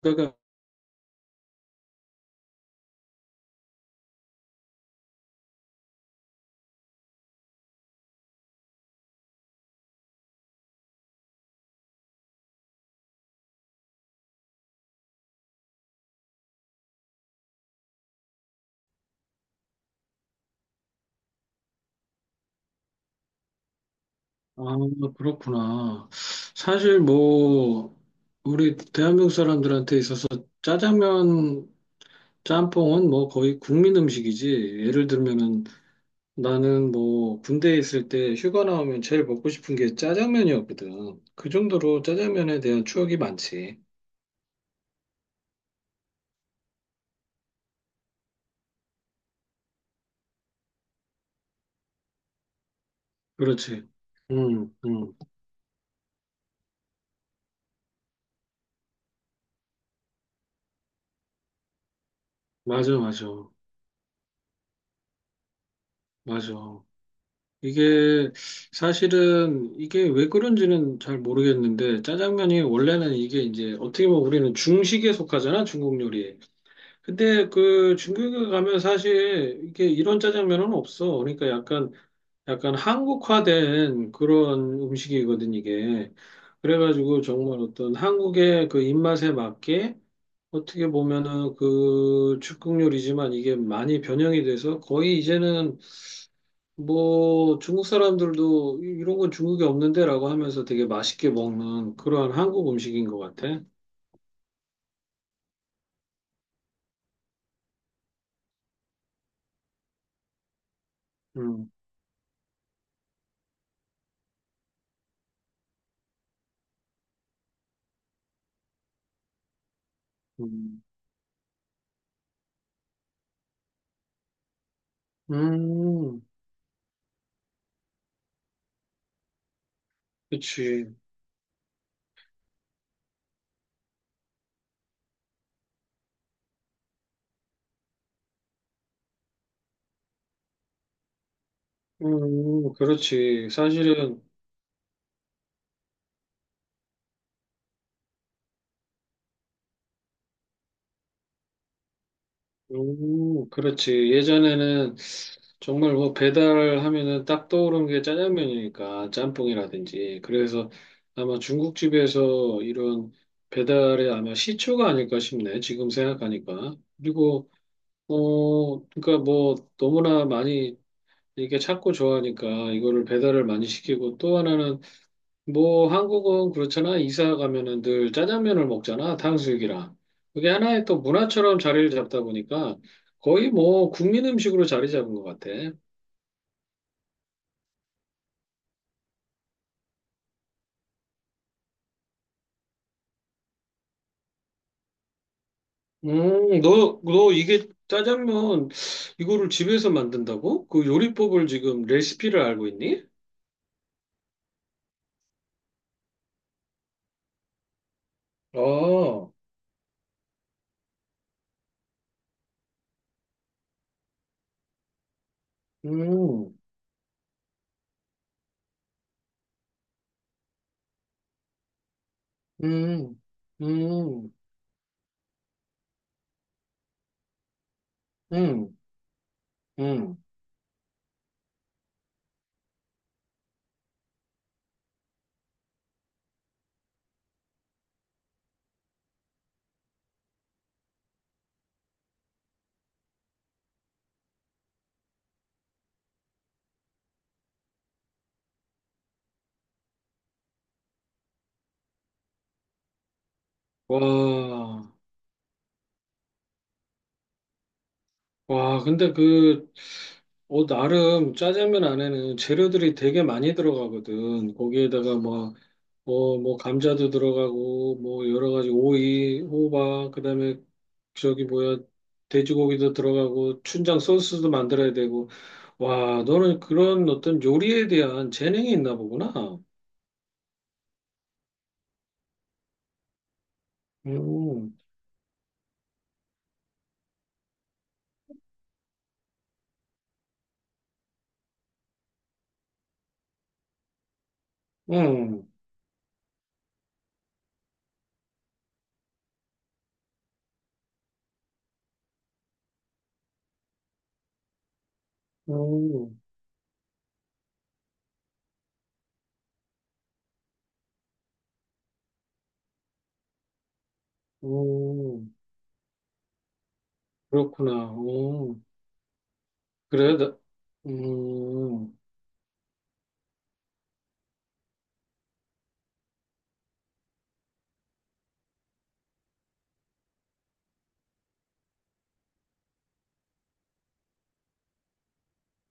그러니까, 아, 그렇구나. 사실 뭐, 우리 대한민국 사람들한테 있어서 짜장면, 짬뽕은 뭐 거의 국민 음식이지. 예를 들면은 나는 뭐 군대에 있을 때 휴가 나오면 제일 먹고 싶은 게 짜장면이었거든. 그 정도로 짜장면에 대한 추억이 많지. 그렇지. 응, 응. 맞아, 맞아. 맞아. 이게 사실은 이게 왜 그런지는 잘 모르겠는데 짜장면이 원래는 이게 이제 어떻게 보면 우리는 중식에 속하잖아 중국 요리에. 근데 그 중국에 가면 사실 이게 이런 짜장면은 없어. 그러니까 약간 한국화된 그런 음식이거든 이게. 그래가지고 정말 어떤 한국의 그 입맛에 맞게 어떻게 보면은 그 중국 요리지만 이게 많이 변형이 돼서 거의 이제는 뭐 중국 사람들도 이런 건 중국에 없는데라고 하면서 되게 맛있게 먹는 그러한 한국 음식인 것 같아. 음, 음, 음, 그렇지. 그렇지. 사실은 그렇지. 예전에는 정말 뭐 배달하면은 딱 떠오르는 게 짜장면이니까 짬뽕이라든지. 그래서 아마 중국집에서 이런 배달에 아마 시초가 아닐까 싶네. 지금 생각하니까. 그리고 그러니까 뭐 너무나 많이 이게 찾고 좋아하니까 이거를 배달을 많이 시키고 또 하나는 뭐 한국은 그렇잖아. 이사 가면은 늘 짜장면을 먹잖아. 탕수육이랑. 그게 하나의 또 문화처럼 자리를 잡다 보니까 거의 뭐 국민 음식으로 자리 잡은 것 같아. 너 이게 짜장면 이거를 집에서 만든다고? 그 요리법을 지금 레시피를 알고 있니? 아, 음, 음, 음, 음, 음. 와, 와, 근데 그, 어, 나름 짜장면 안에는 재료들이 되게 많이 들어가거든. 거기에다가 뭐 뭐, 감자도 들어가고, 뭐, 여러 가지 오이, 호박, 그 다음에 저기 뭐야, 돼지고기도 들어가고, 춘장 소스도 만들어야 되고. 와, 너는 그런 어떤 요리에 대한 재능이 있나 보구나. 음, 음, 음, 음, 그렇구나. 그래, 나, 음.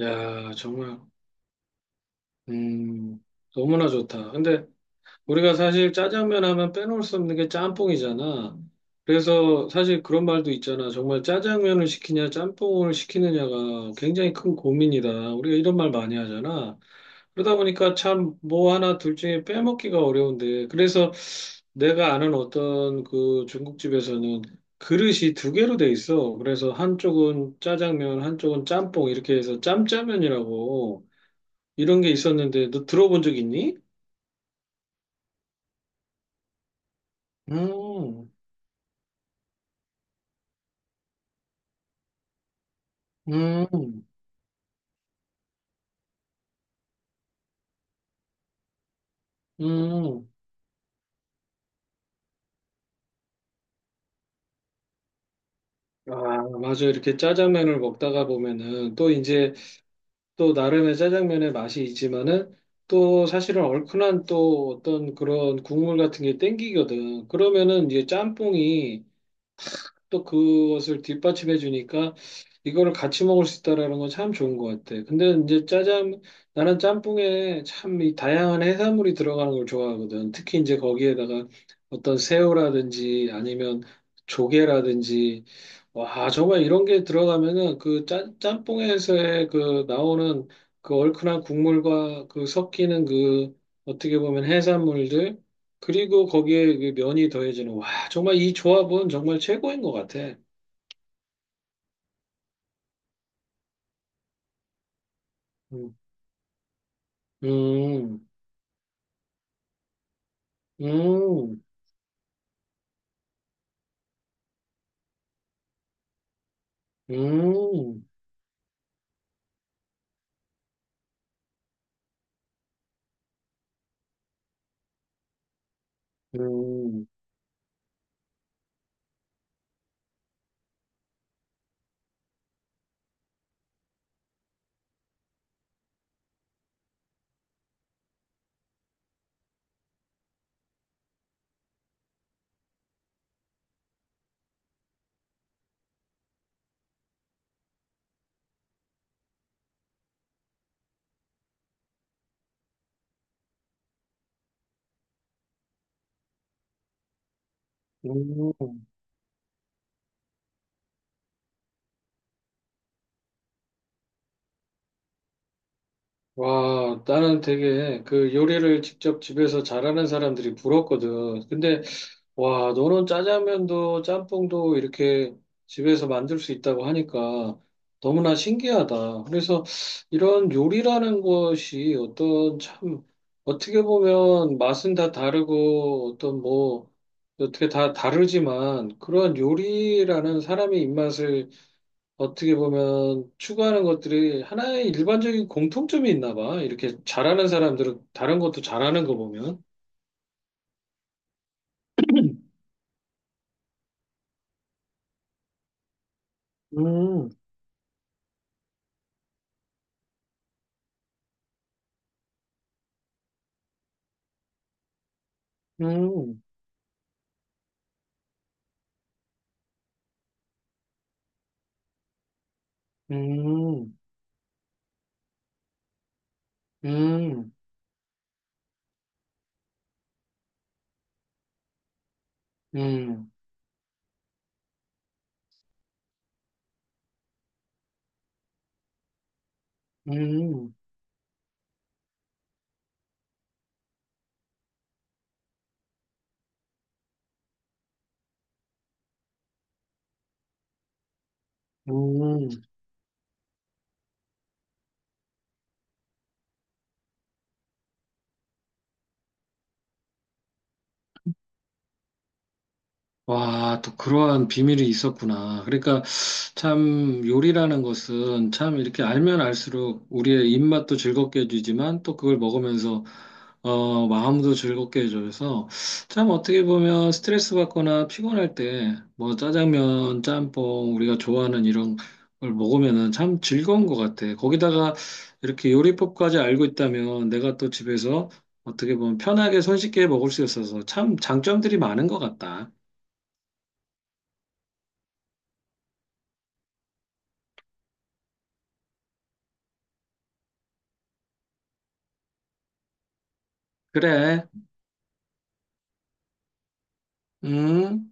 야, 정말, 음, 너무나 좋다. 근데 우리가 사실 짜장면 하면 빼놓을 수 없는 게 짬뽕이잖아. 그래서 사실 그런 말도 있잖아. 정말 짜장면을 시키냐, 짬뽕을 시키느냐가 굉장히 큰 고민이다. 우리가 이런 말 많이 하잖아. 그러다 보니까 참 뭐 하나 둘 중에 빼먹기가 어려운데. 그래서 내가 아는 어떤 그 중국집에서는 그릇이 두 개로 돼 있어. 그래서 한쪽은 짜장면, 한쪽은 짬뽕 이렇게 해서 짬짜면이라고. 이런 게 있었는데 너 들어본 적 있니? 음, 음, 음. 아, 맞아. 이렇게 짜장면을 먹다가 보면은 또 이제 또 나름의 짜장면의 맛이 있지만은 또 사실은 얼큰한 또 어떤 그런 국물 같은 게 땡기거든. 그러면은 이제 짬뽕이 또 그것을 뒷받침해 주니까 이거를 같이 먹을 수 있다라는 건 참 좋은 것 같아. 근데 이제 짜장 나는 짬뽕에 참 이 다양한 해산물이 들어가는 걸 좋아하거든. 특히 이제 거기에다가 어떤 새우라든지 아니면 조개라든지 와 정말 이런 게 들어가면은 그 짬뽕에서의 그 나오는 그 얼큰한 국물과 그 섞이는 그 어떻게 보면 해산물들 그리고 거기에 그 면이 더해지는, 와, 정말 이 조합은 정말 최고인 것 같아. 음, 음, 음, 음, 음, 음. 와, 나는 되게 그 요리를 직접 집에서 잘하는 사람들이 부럽거든. 근데 와, 너는 짜장면도 짬뽕도 이렇게 집에서 만들 수 있다고 하니까 너무나 신기하다. 그래서 이런 요리라는 것이 어떤 참, 어떻게 보면 맛은 다 다르고 어떤 뭐, 어떻게 다 다르지만 그런 요리라는 사람의 입맛을 어떻게 보면 추구하는 것들이 하나의 일반적인 공통점이 있나 봐. 이렇게 잘하는 사람들은 다른 것도 잘하는 거 보면. 음, 음, 음. 음, 음, 음, 음. 와, 또 그러한 비밀이 있었구나. 그러니까 참 요리라는 것은 참 이렇게 알면 알수록 우리의 입맛도 즐겁게 해주지만 또 그걸 먹으면서 마음도 즐겁게 해줘서 참 어떻게 보면 스트레스 받거나 피곤할 때 뭐 짜장면, 짬뽕 우리가 좋아하는 이런 걸 먹으면은 참 즐거운 것 같아. 거기다가 이렇게 요리법까지 알고 있다면 내가 또 집에서 어떻게 보면 편하게 손쉽게 먹을 수 있어서 참 장점들이 많은 것 같다. 그래. 응?